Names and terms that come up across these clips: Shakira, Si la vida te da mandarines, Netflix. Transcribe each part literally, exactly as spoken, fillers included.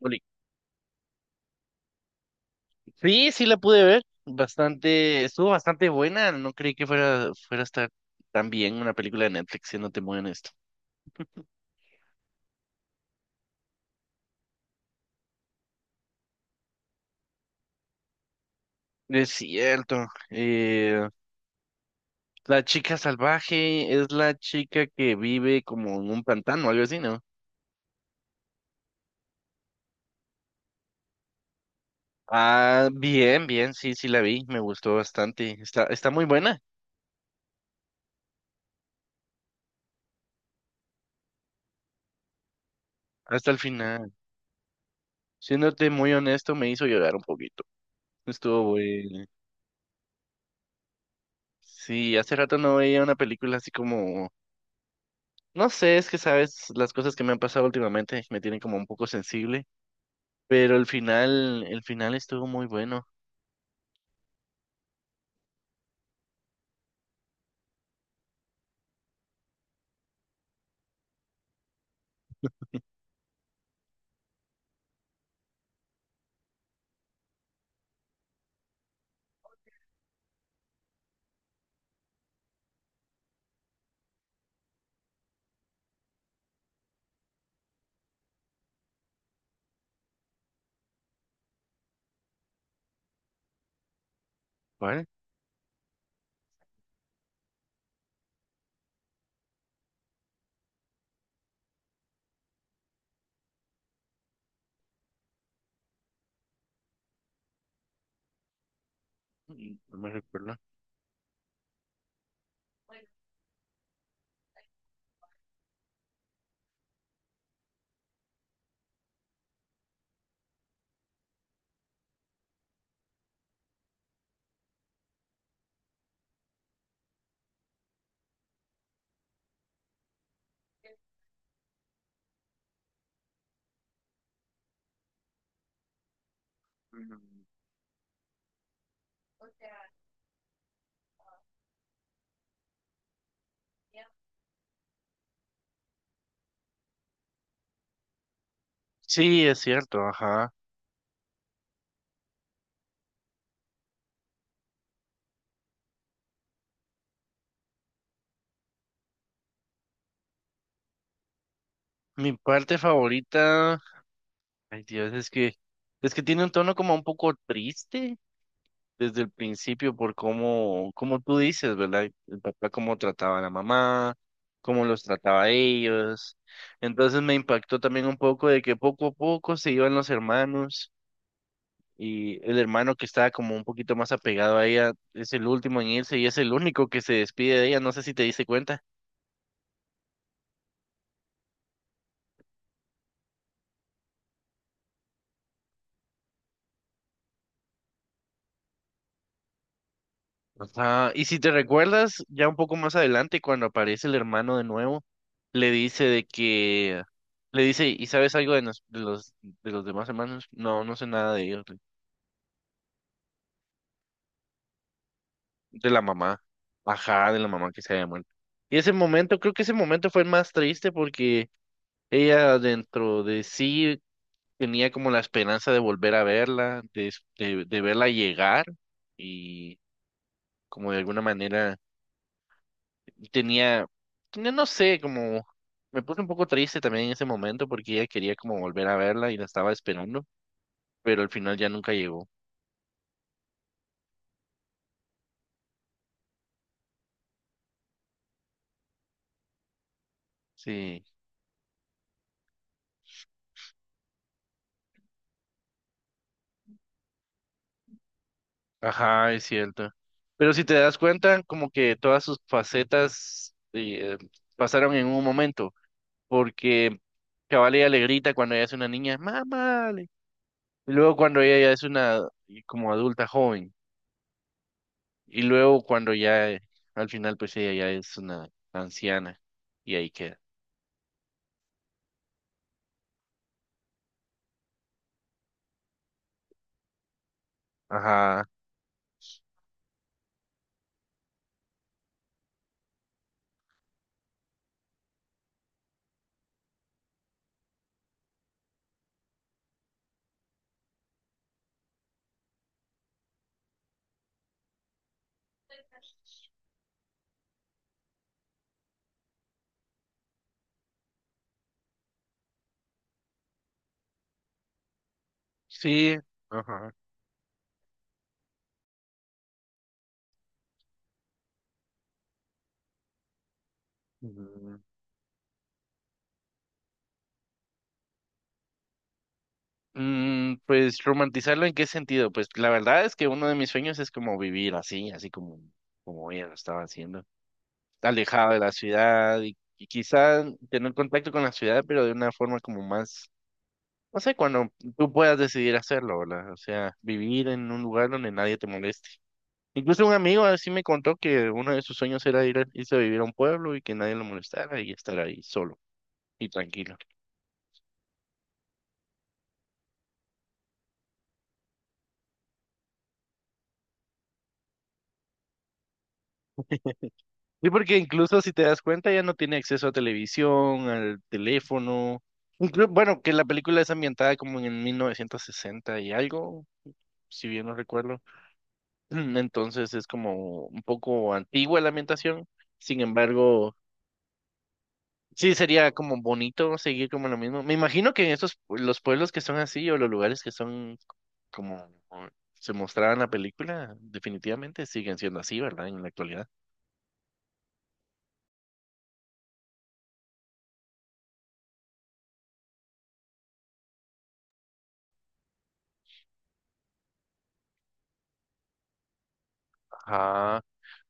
Oli- Sí, sí la pude ver. Bastante, estuvo bastante buena. No creí que fuera, fuera a estar tan bien una película de Netflix, siéndote muy honesto. Es cierto. eh, la chica salvaje es la chica que vive como en un pantano, algo así, ¿no? Ah, bien, bien, sí, sí la vi. Me gustó bastante. Está, está muy buena hasta el final. Siéndote muy honesto, me hizo llorar un poquito. Estuvo bueno. Sí, hace rato no veía una película así como. No sé, es que sabes, las cosas que me han pasado últimamente me tienen como un poco sensible, pero el final, el final estuvo muy bueno. ¿Cuál? Mm, No me recuerdo. Sí, es cierto, ajá. Mi parte favorita, ay Dios, es que, es que tiene un tono como un poco triste desde el principio por cómo, como tú dices, ¿verdad? El papá cómo trataba a la mamá, cómo los trataba a ellos. Entonces me impactó también un poco de que poco a poco se iban los hermanos. Y el hermano que estaba como un poquito más apegado a ella es el último en irse y es el único que se despide de ella. No sé si te diste cuenta. Ajá, y si te recuerdas, ya un poco más adelante, cuando aparece el hermano de nuevo, le dice de que, le dice, ¿y sabes algo de, nos- de los de los demás hermanos? No, no sé nada de ellos, le- De la mamá, ajá, de la mamá que se había muerto. Y ese momento, creo que ese momento fue el más triste porque ella dentro de sí tenía como la esperanza de volver a verla, de, es- de, de verla llegar y como de alguna manera tenía, tenía, no sé, como me puse un poco triste también en ese momento porque ella quería como volver a verla y la estaba esperando, pero al final ya nunca llegó. Sí, ajá, es cierto. Pero si te das cuenta, como que todas sus facetas eh, pasaron en un momento, porque Cabal ella le grita cuando ella es una niña, mamá. Y luego cuando ella ya es una eh, como adulta joven. Y luego cuando ya eh, al final pues ella ya es una anciana. Y ahí queda. Ajá. Sí. Ajá. Mm, mm, pues romantizarlo en qué sentido? Pues la verdad es que uno de mis sueños es como vivir así, así como, como ella lo estaba haciendo. Alejado de la ciudad y, y quizá tener contacto con la ciudad, pero de una forma como más, no sé, cuando tú puedas decidir hacerlo, ¿verdad? O sea, vivir en un lugar donde nadie te moleste. Incluso un amigo así me contó que uno de sus sueños era ir a, irse a vivir a un pueblo y que nadie lo molestara y estar ahí solo y tranquilo. Sí, porque incluso si te das cuenta ya no tiene acceso a televisión, al teléfono. Inclu- bueno, que la película es ambientada como en mil novecientos sesenta y algo, si bien no recuerdo. Entonces es como un poco antigua la ambientación. Sin embargo, sí, sería como bonito seguir como lo mismo. Me imagino que en esos pue- los pueblos que son así o los lugares que son como se mostraba en la película, definitivamente siguen siendo así, ¿verdad? En la actualidad. Ajá.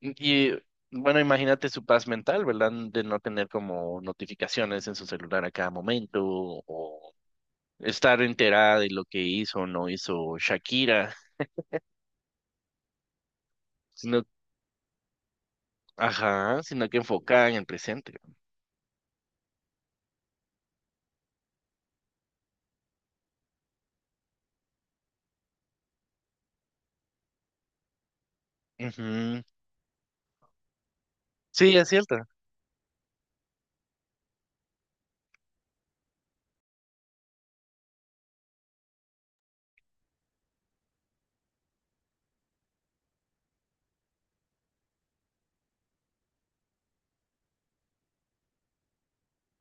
Y y, bueno, imagínate su paz mental, ¿verdad? De no tener como notificaciones en su celular a cada momento o estar enterada de lo que hizo o no hizo Shakira, sino, ajá, sino que enfocada en el presente. Ujú. Sí, es cierto.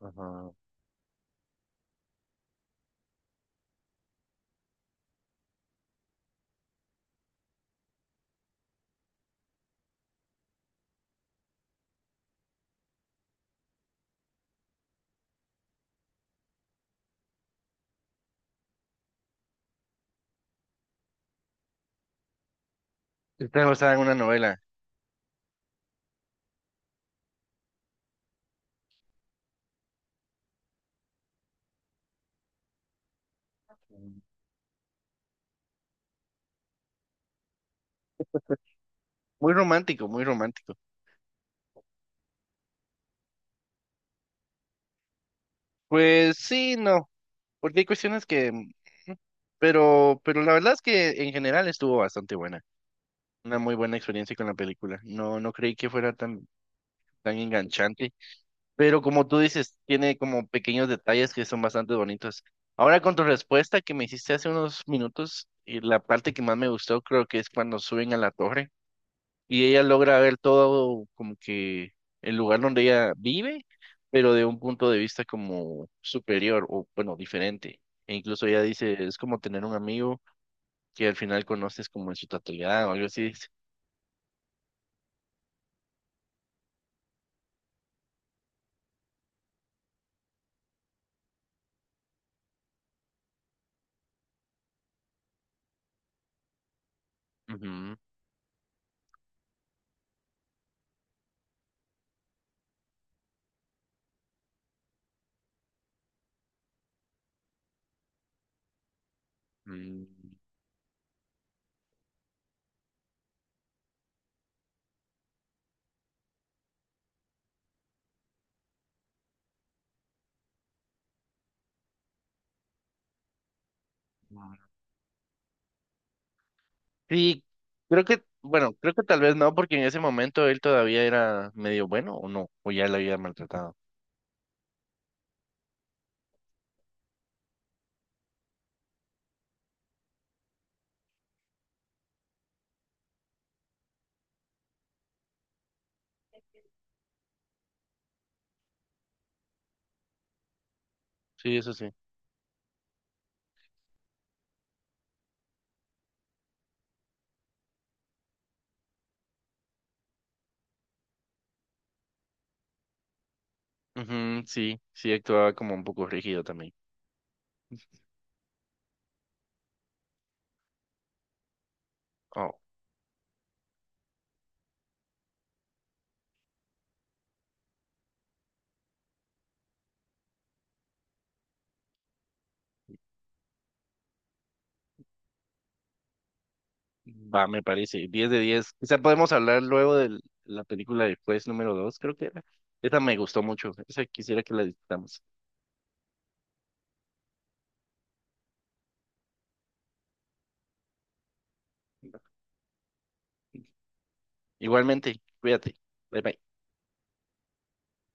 Ajá. Esta basada en una novela. Muy romántico, muy romántico. Pues sí, no, porque hay cuestiones que, mm, pero, pero la verdad es que en general estuvo bastante buena. Una muy buena experiencia con la película. No, no creí que fuera tan, tan enganchante, pero como tú dices, tiene como pequeños detalles que son bastante bonitos. Ahora con tu respuesta que me hiciste hace unos minutos, y la parte que más me gustó creo que es cuando suben a la torre. Y ella logra ver todo como que el lugar donde ella vive, pero de un punto de vista como superior o bueno, diferente. E incluso ella dice, es como tener un amigo que al final conoces como en su totalidad o algo así, dice. Ujú, mm, mm. Sí, creo que, bueno, creo que tal vez no, porque en ese momento él todavía era medio bueno o no, o ya la había maltratado. Sí, eso sí. Ujú, sí, sí actuaba como un poco rígido también. Va, me parece. Diez de diez. Quizá podemos hablar luego de la película de Juez Número Dos, creo que era. Esa me gustó mucho. Esa quisiera que la discutamos. Igualmente, cuídate. Bye bye.